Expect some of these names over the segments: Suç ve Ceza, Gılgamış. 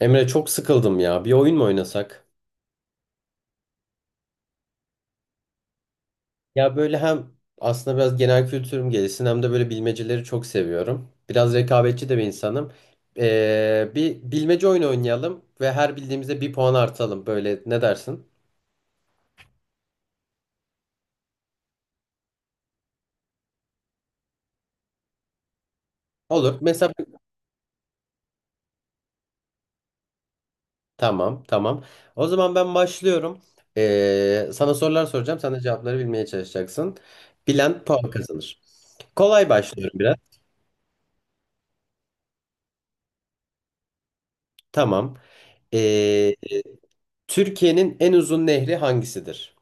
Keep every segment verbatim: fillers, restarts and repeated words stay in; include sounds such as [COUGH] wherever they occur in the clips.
Emre, çok sıkıldım ya. Bir oyun mu oynasak? Ya, böyle hem aslında biraz genel kültürüm gelişsin hem de böyle bilmeceleri çok seviyorum. Biraz rekabetçi de bir insanım. Ee, bir bilmece oyunu oynayalım ve her bildiğimizde bir puan artalım. Böyle ne dersin? Olur. Mesela tamam, tamam. O zaman ben başlıyorum. Ee, sana sorular soracağım. Sen de cevapları bilmeye çalışacaksın. Bilen puan kazanır. Kolay başlıyorum biraz. Tamam. Ee, Türkiye'nin en uzun nehri hangisidir?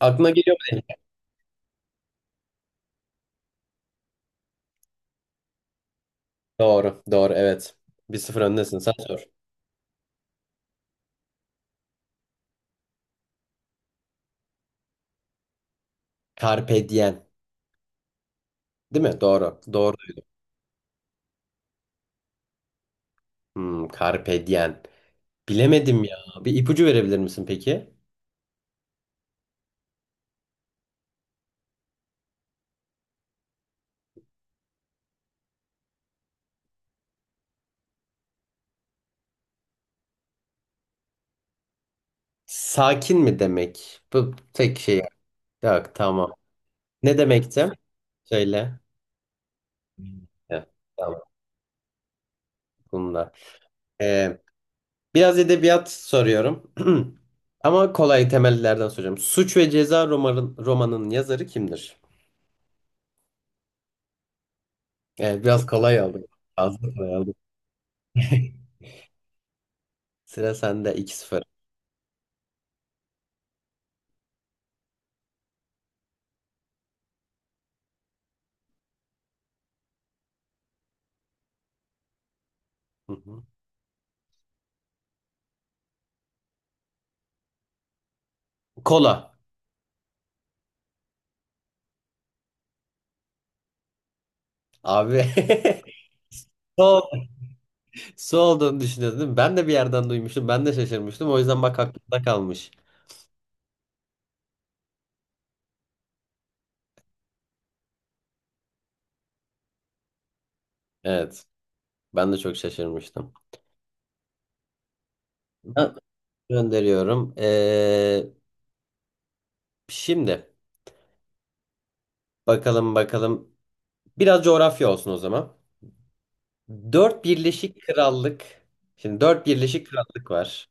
Aklına geliyor mu? Doğru. Doğru. Evet. Bir sıfır öndesin. Sen sor. Carpe diem. Değil mi? Doğru. Doğru duydum. Hmm, carpe diem. Bilemedim ya. Bir ipucu verebilir misin peki? Sakin mi demek? Bu tek şey. Yok, tamam. Ne demekti? Söyle. Heh, tamam. Bununla. Ee, Biraz edebiyat soruyorum. [CLEARS THROAT] Ama kolay temellerden soracağım. Suç ve Ceza romanın, romanın yazarı kimdir? Evet, biraz kolay aldım. Fazla kolay aldım. Sıra sende, iki sıfır. Hı hı. Kola. Abi. [LAUGHS] Sol, Su olduğunu düşünüyordun değil mi? Ben de bir yerden duymuştum. Ben de şaşırmıştım. O yüzden bak, aklımda kalmış. Evet. Ben de çok şaşırmıştım. Ben gönderiyorum. Ee, şimdi bakalım bakalım. Biraz coğrafya olsun o zaman. Dört Birleşik Krallık. Şimdi dört Birleşik Krallık var.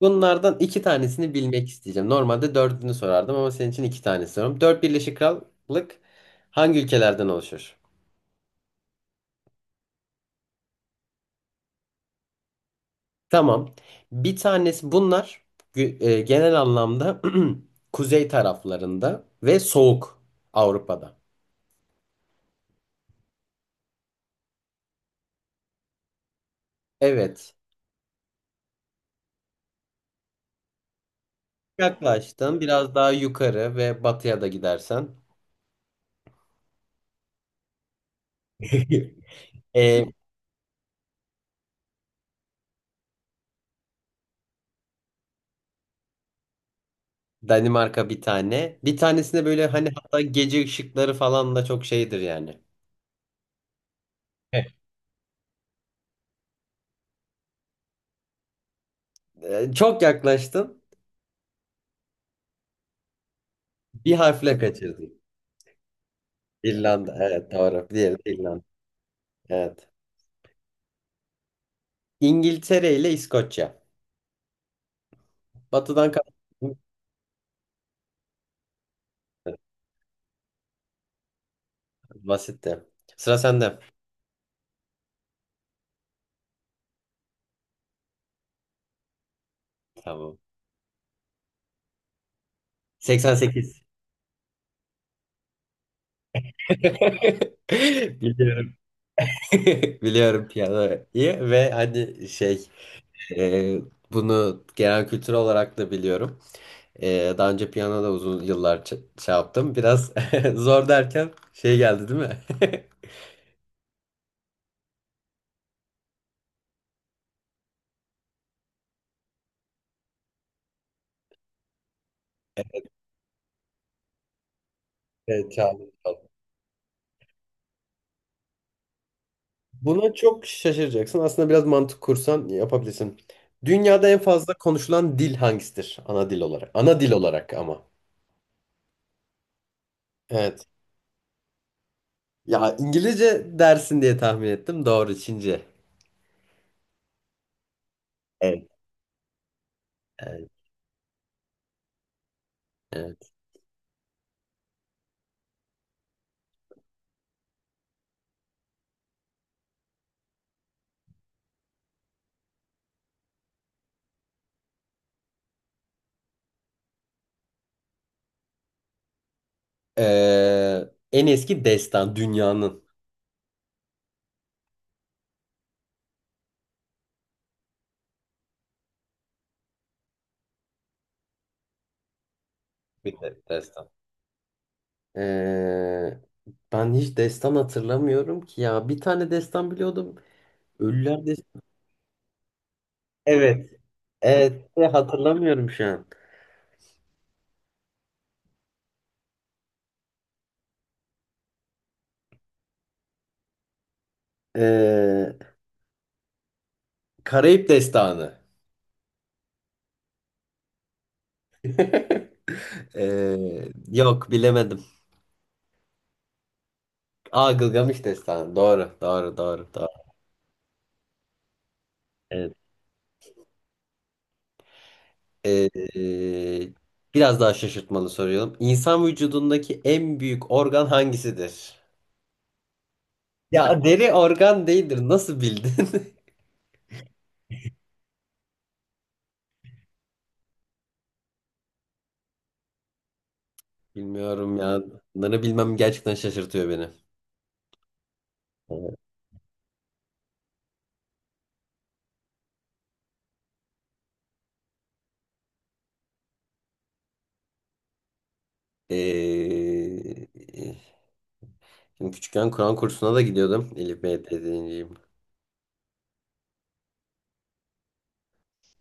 Bunlardan iki tanesini bilmek isteyeceğim. Normalde dördünü sorardım ama senin için iki tane soruyorum. Dört Birleşik Krallık hangi ülkelerden oluşur? Tamam. Bir tanesi, bunlar gü- e, genel anlamda [CLEARS THROAT] kuzey taraflarında ve soğuk Avrupa'da. Evet. Yaklaştın, biraz daha yukarı ve batıya da gidersen. [LAUGHS] E, Danimarka bir tane. Bir tanesinde böyle hani hatta gece ışıkları falan da çok şeydir yani. Evet. E, çok yaklaştın. Bir harfle kaçırdın. İrlanda. Evet, doğru. Diğeri de İrlanda. Evet. İngiltere ile İskoçya. Batıdan kaç? Basitti. Sıra sende. Tamam. seksen sekiz. [LAUGHS] Biliyorum. [LAUGHS] Biliyorum piyanoyu ve hani şey, e, bunu genel kültür olarak da biliyorum. E, daha önce piyano da uzun yıllar ç- şey yaptım. Biraz [LAUGHS] zor derken şey geldi değil mi? [LAUGHS] Evet, çaldım, çaldım. Buna çok şaşıracaksın. Aslında biraz mantık kursan yapabilirsin. Dünyada en fazla konuşulan dil hangisidir? Ana dil olarak. Ana dil olarak ama. Evet. Ya, İngilizce dersin diye tahmin ettim. Doğru, Çince. Evet. Evet. Evet. Ee, en eski destan dünyanın bir de- destan. Ee, Ben hiç destan hatırlamıyorum ki ya. Bir tane destan biliyordum. Ölüler destan. Evet. Evet. Hatırlamıyorum şu an. Ee, Karayip destanı. [LAUGHS] Ee, yok, bilemedim. Aa, Gılgamış destanı. Doğru. Doğru. Doğru. Doğru. Evet. Ee, Biraz daha şaşırtmalı soruyorum. İnsan vücudundaki en büyük organ hangisidir? Ya, deri organ değildir. Nasıl bildin? [LAUGHS] Bilmiyorum ya. Bunları bilmem gerçekten şaşırtıyor beni. Evet. Ee, Şimdi küçükken Kur'an kursuna da gidiyordum. Elif Bey dediğim gibi.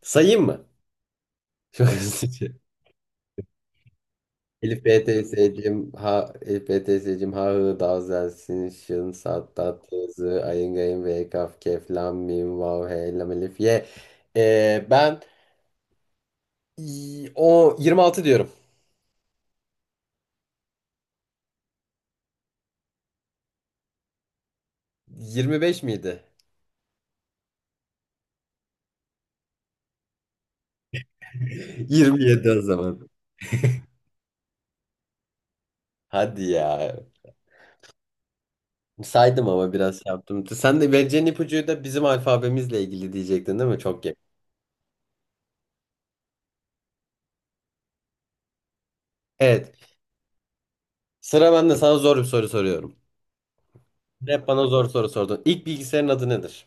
Sayayım mı? [LAUGHS] Çok hızlıca. Elif B teyzeciğim, ha, Elif B teyzeciğim, ha hı davzelsin şın sat tat tızı ayın gayın ve kaf kef lam mim vav hey lam elif ye. Ee, ben y- o yirmi altı diyorum. yirmi beş miydi? [LAUGHS] yirmi yedi o zaman? Hadi ya, saydım ama biraz şey yaptım. Sen de vereceğin ipucuyu da bizim alfabemizle ilgili diyecektin değil mi? Çok yakın. Evet, sıra bende. Sana zor bir soru soruyorum, hep bana zor soru sordun. İlk bilgisayarın adı nedir?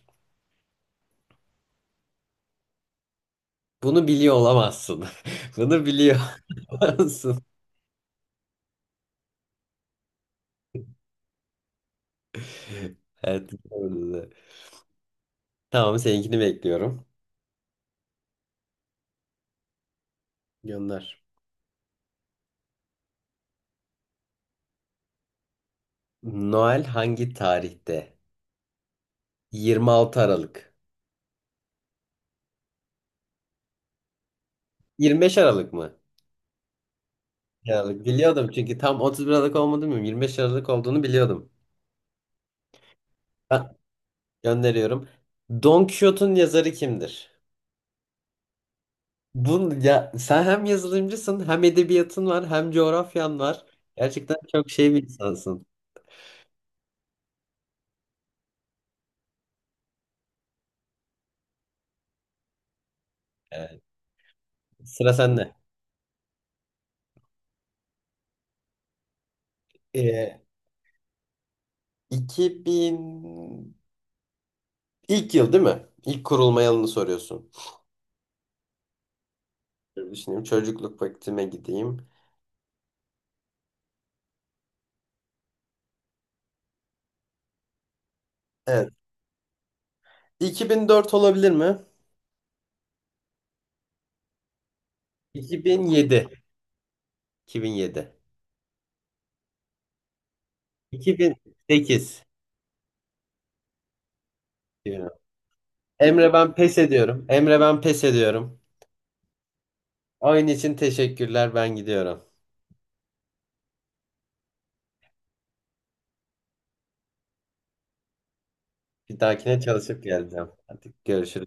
Bunu biliyor olamazsın. [LAUGHS] Bunu biliyor olamazsın. Evet, doğru. Tamam, seninkini bekliyorum. Gönder. Noel hangi tarihte? yirmi altı Aralık. yirmi beş Aralık mı? Aralık. Biliyordum çünkü tam otuz bir Aralık olmadığını bilmiyorum. yirmi beş Aralık olduğunu biliyordum. Ha, gönderiyorum. Don Quixote'un yazarı kimdir? Bunu ya, sen hem yazılımcısın hem edebiyatın var hem coğrafyan var. Gerçekten çok şey bir insansın. Evet. Sıra sende. Ee, iki bin ilk yıl değil mi? İlk kurulma yılını soruyorsun. Dur, düşüneyim, çocukluk vaktime gideyim. Evet. iki bin dört olabilir mi? iki bin yedi. iki bin yedi. iki bin sekiz diyorum. Emre, ben pes ediyorum. Emre, ben pes ediyorum. Oyun için teşekkürler. Ben gidiyorum. Bir dahakine çalışıp geleceğim. Hadi, görüşürüz.